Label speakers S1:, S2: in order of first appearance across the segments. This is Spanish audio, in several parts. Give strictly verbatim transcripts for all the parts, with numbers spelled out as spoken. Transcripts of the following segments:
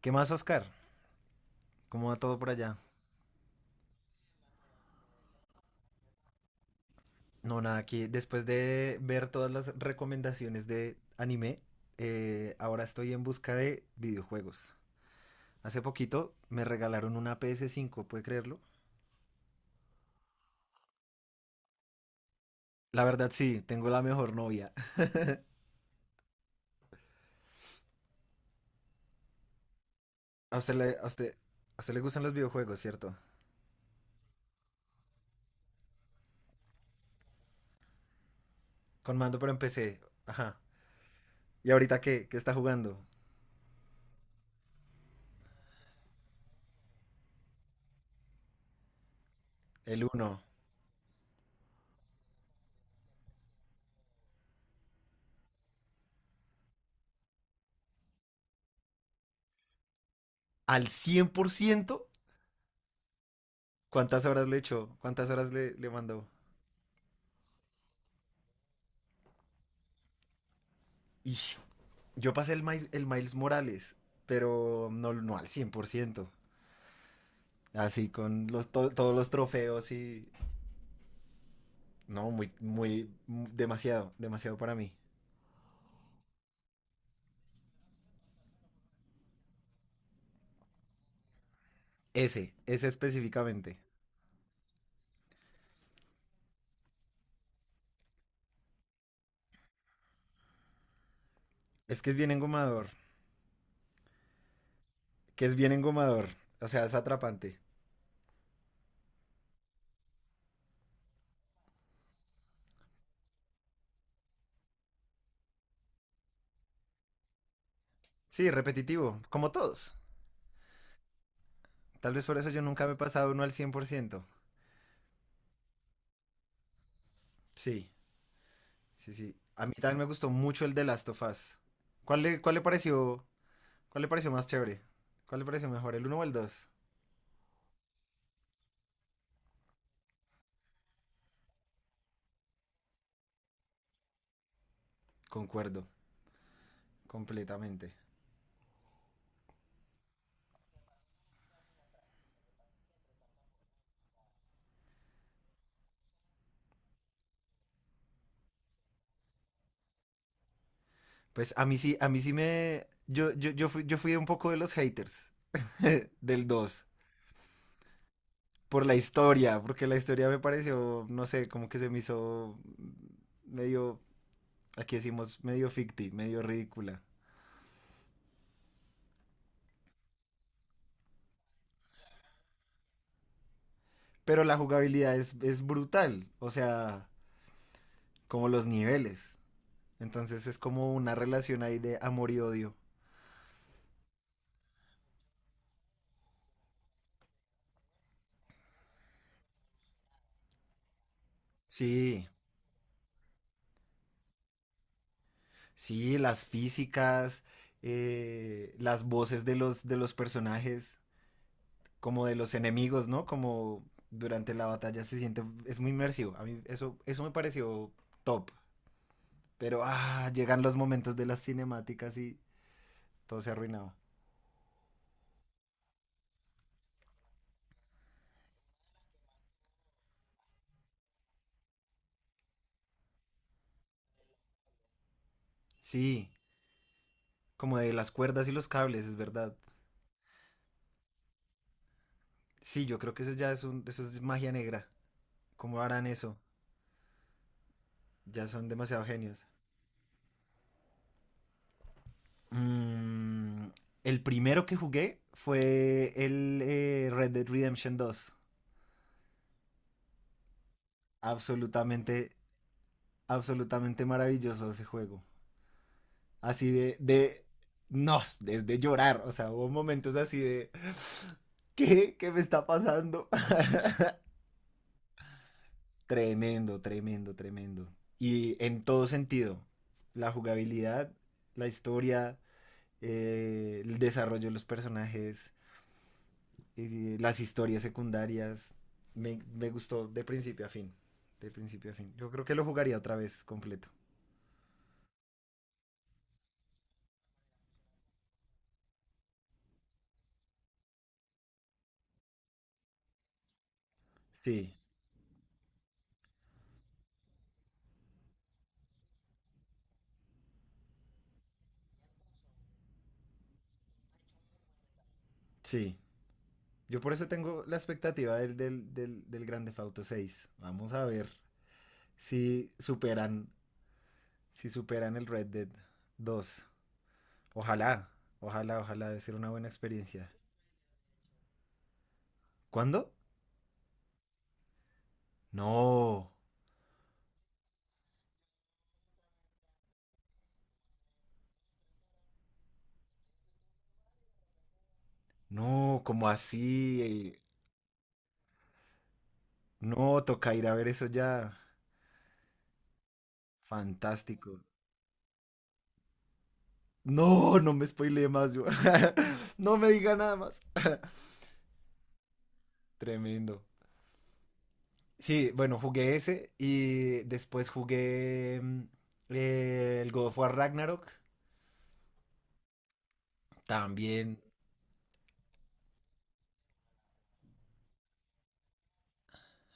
S1: ¿Qué más, Oscar? ¿Cómo va todo por allá? No, nada, aquí después de ver todas las recomendaciones de anime, eh, ahora estoy en busca de videojuegos. Hace poquito me regalaron una P S cinco, ¿puede creerlo? La verdad sí, tengo la mejor novia. A usted le, a usted, a usted le gustan los videojuegos, ¿cierto? Con mando pero en empecé. Ajá. ¿Y ahorita qué? ¿Qué está jugando? El uno. ¿Al cien por ciento? ¿Cuántas horas le echó? ¿Cuántas horas le, le mandó? Ix, yo pasé el, Miles, el Miles Morales, pero no, no al cien por ciento. Así con los, to- todos los trofeos y... No, muy, muy, m- demasiado, demasiado para mí. Ese, ese específicamente. Es que es bien engomador, que es bien engomador. O sea, es atrapante. Sí, repetitivo, como todos. Tal vez por eso yo nunca me he pasado uno al cien por ciento. Sí, sí, sí. A mí también me gustó mucho el de Last of Us. ¿Cuál le, cuál le pareció, ¿cuál le pareció más chévere? ¿Cuál le pareció mejor, el uno o el dos? Concuerdo completamente. Pues a mí sí, a mí sí me... Yo, yo, yo fui, yo fui un poco de los haters del dos. Por la historia, porque la historia me pareció, no sé, como que se me hizo medio, aquí decimos, medio ficti, medio ridícula. Pero la jugabilidad es, es brutal, o sea, como los niveles. Entonces es como una relación ahí de amor y odio. Sí, sí, las físicas, eh, las voces de los, de los personajes, como de los enemigos, ¿no? Como durante la batalla se siente, es muy inmersivo. A mí eso, eso me pareció top. Pero ah, llegan los momentos de las cinemáticas y todo se arruinaba. Sí, como de las cuerdas y los cables, es verdad. Sí, yo creo que eso ya es un, eso es magia negra. ¿Cómo harán eso? Ya son demasiado genios. Mm, el primero que jugué fue el eh, Red Dead Redemption dos. Absolutamente, absolutamente maravilloso ese juego. así de, de, no, desde llorar, o sea, hubo momentos así de, ¿qué? ¿Qué me está pasando? Tremendo, tremendo, tremendo. Y en todo sentido, la jugabilidad, la historia, eh, el desarrollo de los personajes, eh, las historias secundarias, me, me gustó de principio a fin, de principio a fin. Yo creo que lo jugaría otra vez completo. Sí, sí. Yo por eso tengo la expectativa del, del, del, del Grande Fauto seis. Vamos a ver si superan, si superan el Red Dead dos. Ojalá, ojalá, ojalá, debe ser una buena experiencia. ¿Cuándo? No, no, como así? No, toca ir a ver eso ya. Fantástico. No, no me spoileé más, yo. No me diga nada más. Tremendo. Sí, bueno, jugué ese y después jugué mm, eh, el God of War Ragnarok. También,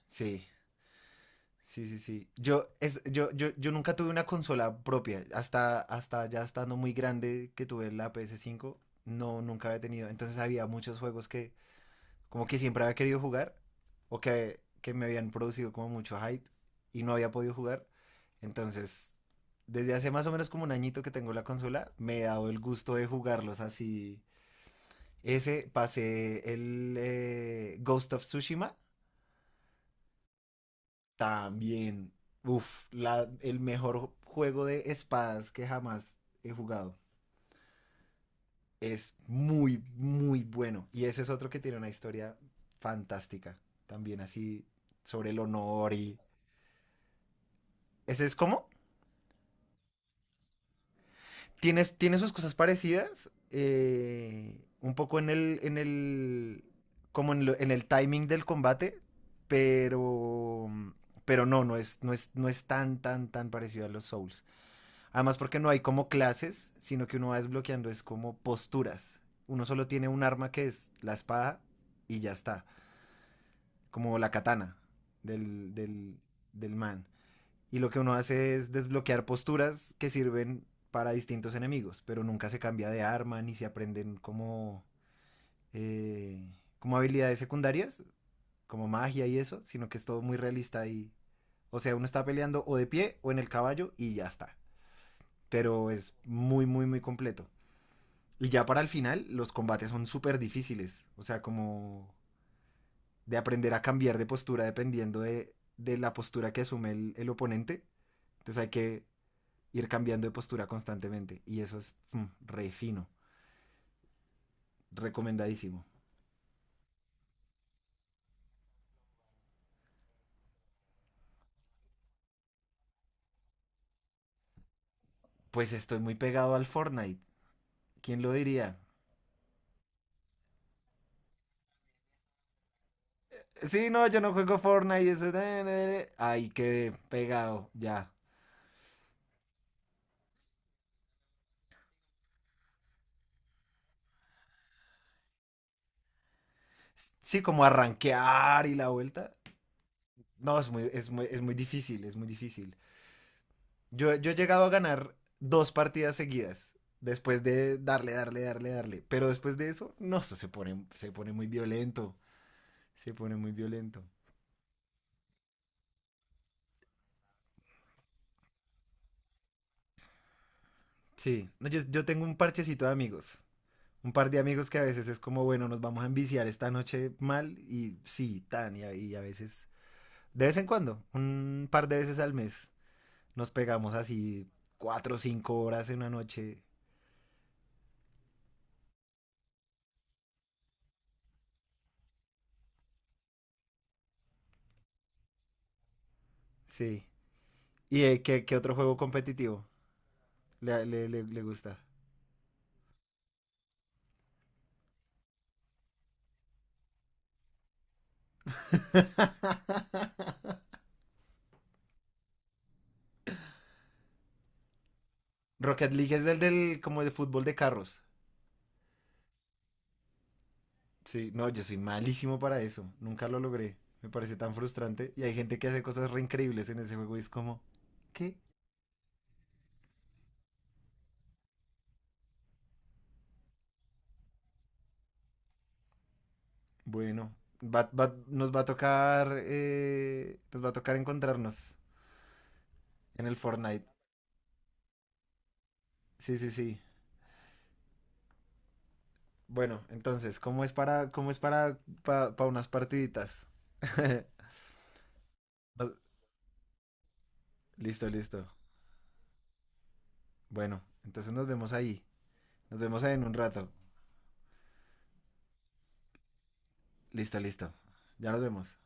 S1: sí. Sí, sí, sí. Yo, es, yo, yo, yo nunca tuve una consola propia. Hasta, hasta ya estando muy grande que tuve la ps cinco, no, nunca había tenido. Entonces había muchos juegos que como que siempre había querido jugar o que, que me habían producido como mucho hype y no había podido jugar. Entonces, desde hace más o menos como un añito que tengo la consola, me he dado el gusto de jugarlos así. Ese pasé el eh, Ghost of Tsushima también, uff, el mejor juego de espadas que jamás he jugado. Es muy, muy bueno. Y ese es otro que tiene una historia fantástica. También así sobre el honor y... Ese es como... Tiene, tiene sus cosas parecidas. eh, un poco en el... En el como en, lo- en el timing del combate. Pero... Pero no, no es, no, es, no es tan, tan, tan parecido a los Souls. Además porque no hay como clases, sino que uno va desbloqueando es como posturas. Uno solo tiene un arma que es la espada y ya está, como la katana del, del, del man. Y lo que uno hace es desbloquear posturas que sirven para distintos enemigos, pero nunca se cambia de arma ni se aprenden como, eh, como habilidades secundarias, como magia y eso, sino que es todo muy realista y, o sea, uno está peleando o de pie o en el caballo y ya está. Pero es muy, muy, muy completo. Y ya para el final, los combates son súper difíciles. O sea, como de aprender a cambiar de postura dependiendo de, de la postura que asume el, el, oponente. Entonces hay que ir cambiando de postura constantemente. Y eso es mm, re fino. Recomendadísimo. Pues estoy muy pegado al Fortnite. ¿Quién lo diría? Sí, no, yo no juego Fortnite. Eso... Ahí quedé pegado, ya. Sí, como arranquear y la vuelta. No, es muy, es muy, es muy difícil, es muy difícil. Yo, yo he llegado a ganar dos partidas seguidas. Después de darle, darle, darle, darle. Pero después de eso, no, eso se pone, se pone muy violento. Se pone muy violento. Sí, no, yo, yo tengo un parchecito de amigos. Un par de amigos que a veces es como, bueno, nos vamos a enviciar esta noche mal. Y sí, tan, y a, y a veces, de vez en cuando, un par de veces al mes, nos pegamos así cuatro o cinco horas en una noche. Sí. ¿Y eh, ¿qué, qué otro juego competitivo le, le, le, le gusta? Rocket League es el del como de fútbol de carros. Sí, no, yo soy malísimo para eso. Nunca lo logré. Me parece tan frustrante. Y hay gente que hace cosas re increíbles en ese juego y es como, ¿qué? Bueno, va- va- nos va a tocar, eh, nos va a tocar encontrarnos en el Fortnite. Sí, sí, sí. Bueno, entonces, ¿cómo es para, ¿cómo es para, pa- pa unas partiditas? Nos-. Listo, listo. Bueno, entonces nos vemos ahí. Nos vemos ahí en un rato. Listo, listo. Ya nos vemos.